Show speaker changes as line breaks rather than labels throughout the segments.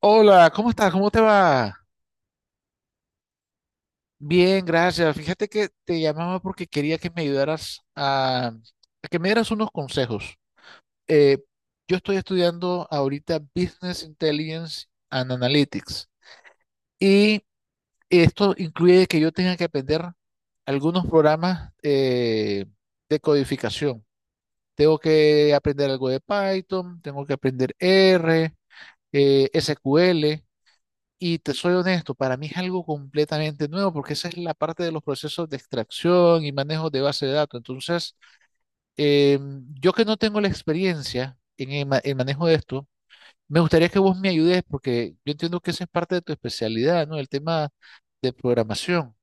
Hola, ¿cómo estás? ¿Cómo te va? Bien, gracias. Fíjate que te llamaba porque quería que me ayudaras a que me dieras unos consejos. Eh, yo estoy estudiando ahorita Business Intelligence and Analytics y esto incluye que yo tenga que aprender algunos programas de codificación. Tengo que aprender algo de Python, tengo que aprender R, SQL. Y te soy honesto, para mí es algo completamente nuevo porque esa es la parte de los procesos de extracción y manejo de base de datos. Entonces, eh, yo que no tengo la experiencia en el manejo de esto, me gustaría que vos me ayudes porque yo entiendo que esa es parte de tu especialidad, ¿no? El tema de programación.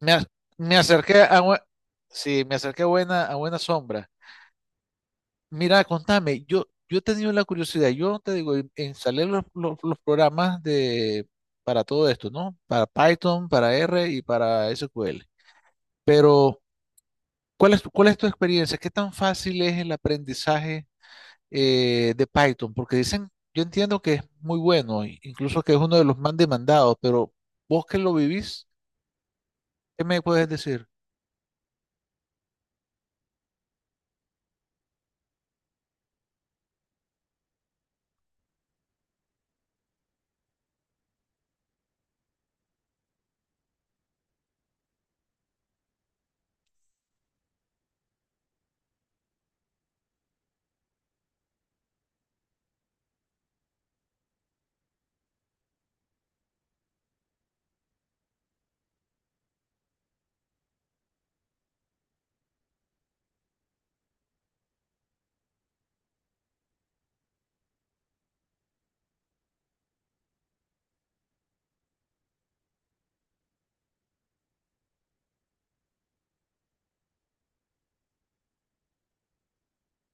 Me, a- me acerqué sí, me acerqué a a buena sombra. Mira, contame, yo he tenido la curiosidad, yo te digo, instalé los programas de, para todo esto, ¿no? Para Python, para R y para SQL. Pero, ¿cuál cuál es tu experiencia? ¿Qué tan fácil es el aprendizaje de Python? Porque dicen, yo entiendo que es muy bueno, incluso que es uno de los más demandados, pero vos que lo vivís, ¿qué me puedes decir?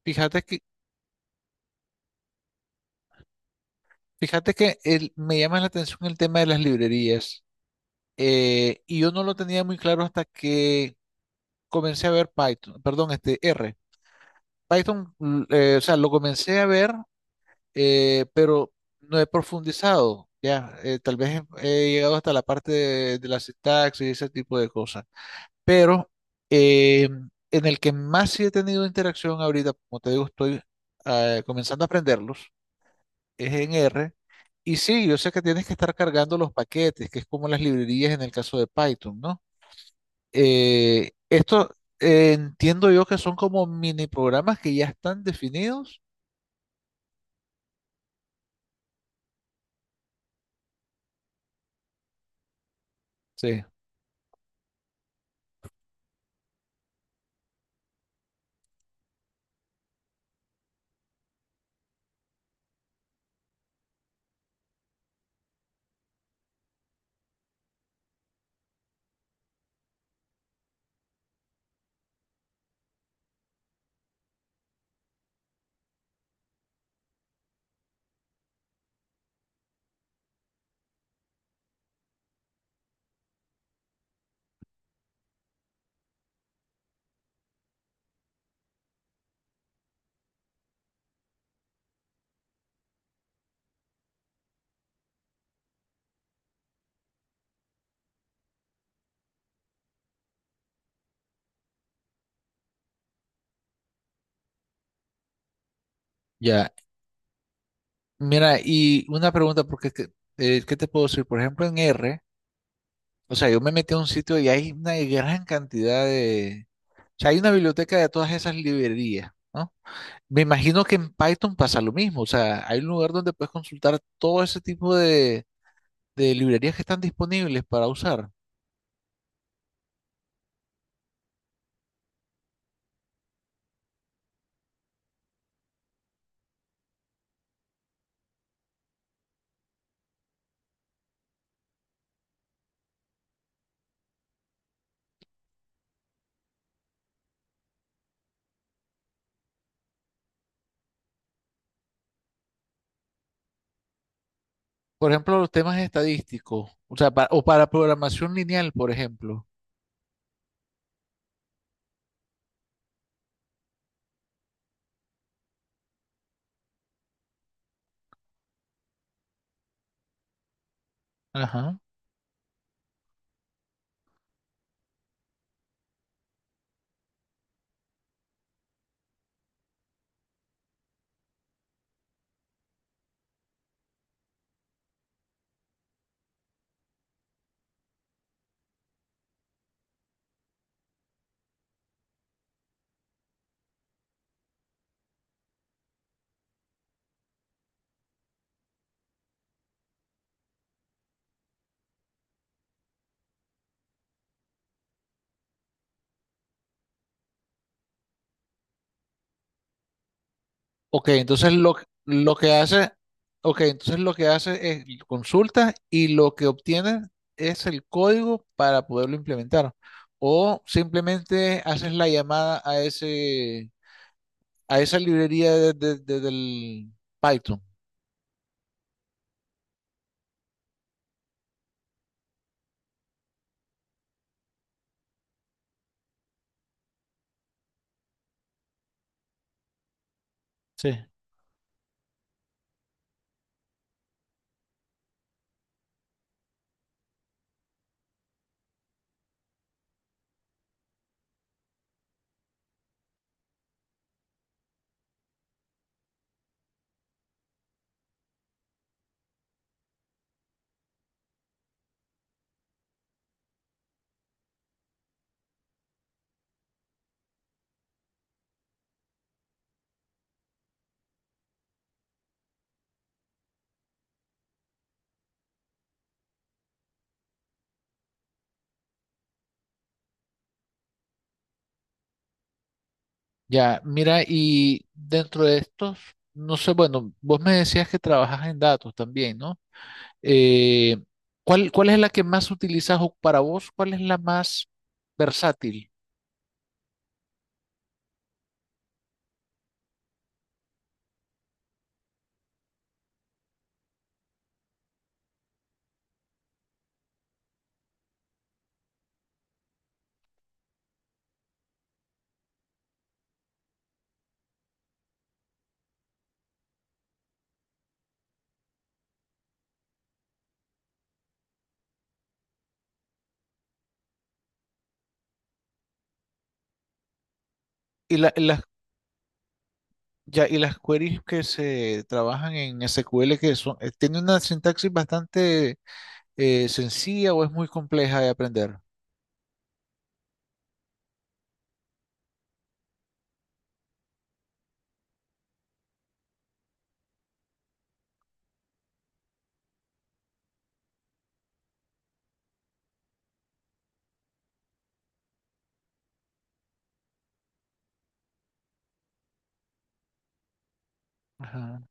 Fíjate que, fíjate que me llama la atención el tema de las librerías. Y yo no lo tenía muy claro hasta que comencé a ver Python, perdón, este R. Python, o sea, lo comencé a ver, pero no he profundizado. Ya. Tal vez he llegado hasta la parte de la sintaxis y ese tipo de cosas. Pero eh, en el que más sí he tenido interacción ahorita, como te digo, estoy comenzando a aprenderlos, es en R. Y sí, yo sé que tienes que estar cargando los paquetes, que es como las librerías en el caso de Python, ¿no? Esto entiendo yo que son como mini programas que ya están definidos. Sí. Ya. Mira, y una pregunta, porque es que, ¿qué te puedo decir? Por ejemplo, en R, o sea, yo me metí a un sitio y hay una gran cantidad de... O sea, hay una biblioteca de todas esas librerías, ¿no? Me imagino que en Python pasa lo mismo, o sea, hay un lugar donde puedes consultar todo ese tipo de librerías que están disponibles para usar. Por ejemplo, los temas estadísticos, o sea, o para programación lineal, por ejemplo. Ajá. Ok, entonces lo que hace, ok, entonces lo que hace es consulta y lo que obtiene es el código para poderlo implementar. O simplemente haces la llamada a ese, a esa librería del Python. Sí. Ya, mira, y dentro de estos, no sé, bueno, vos me decías que trabajas en datos también, ¿no? Eh, ¿Cuál, cuál es la que más utilizas o para vos? ¿Cuál es la más versátil? Y, y las, ya, y las queries que se trabajan en SQL que son, tiene una sintaxis bastante sencilla o es muy compleja de aprender. Ajá.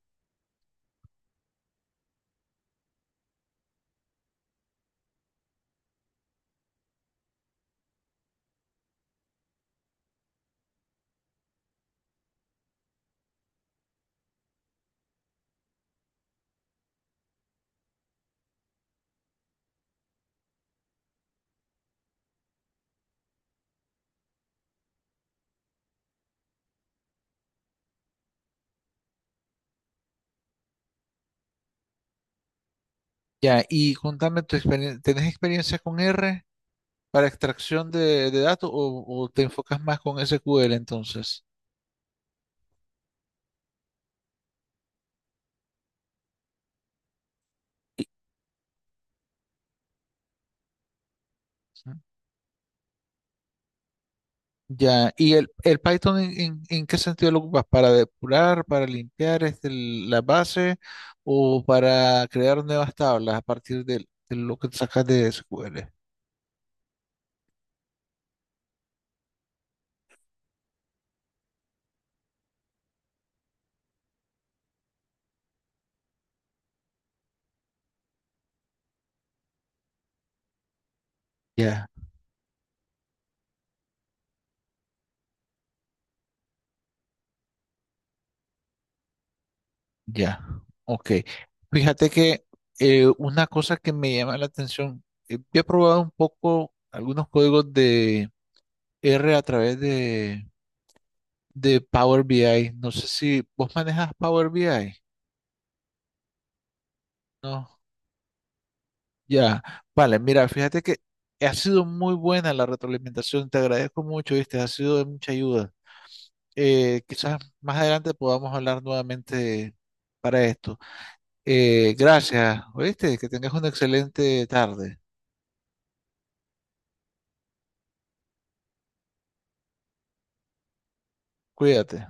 Ya, y contame tu experiencia, ¿tenés experiencia con R para extracción de datos o te enfocas más con SQL entonces? Ya, ¿y el Python en, en qué sentido lo ocupas? ¿Para depurar, para limpiar este, la base o para crear nuevas tablas a partir lo que sacas de SQL? Ya, ya, ok. Fíjate que una cosa que me llama la atención, yo he probado un poco algunos códigos de R a través de Power BI. No sé si vos manejas Power BI, ¿no? Ya, vale, mira, fíjate que ha sido muy buena la retroalimentación, te agradezco mucho, viste, ha sido de mucha ayuda. Quizás más adelante podamos hablar nuevamente para esto. Gracias, oíste, que tengas una excelente tarde, cuídate.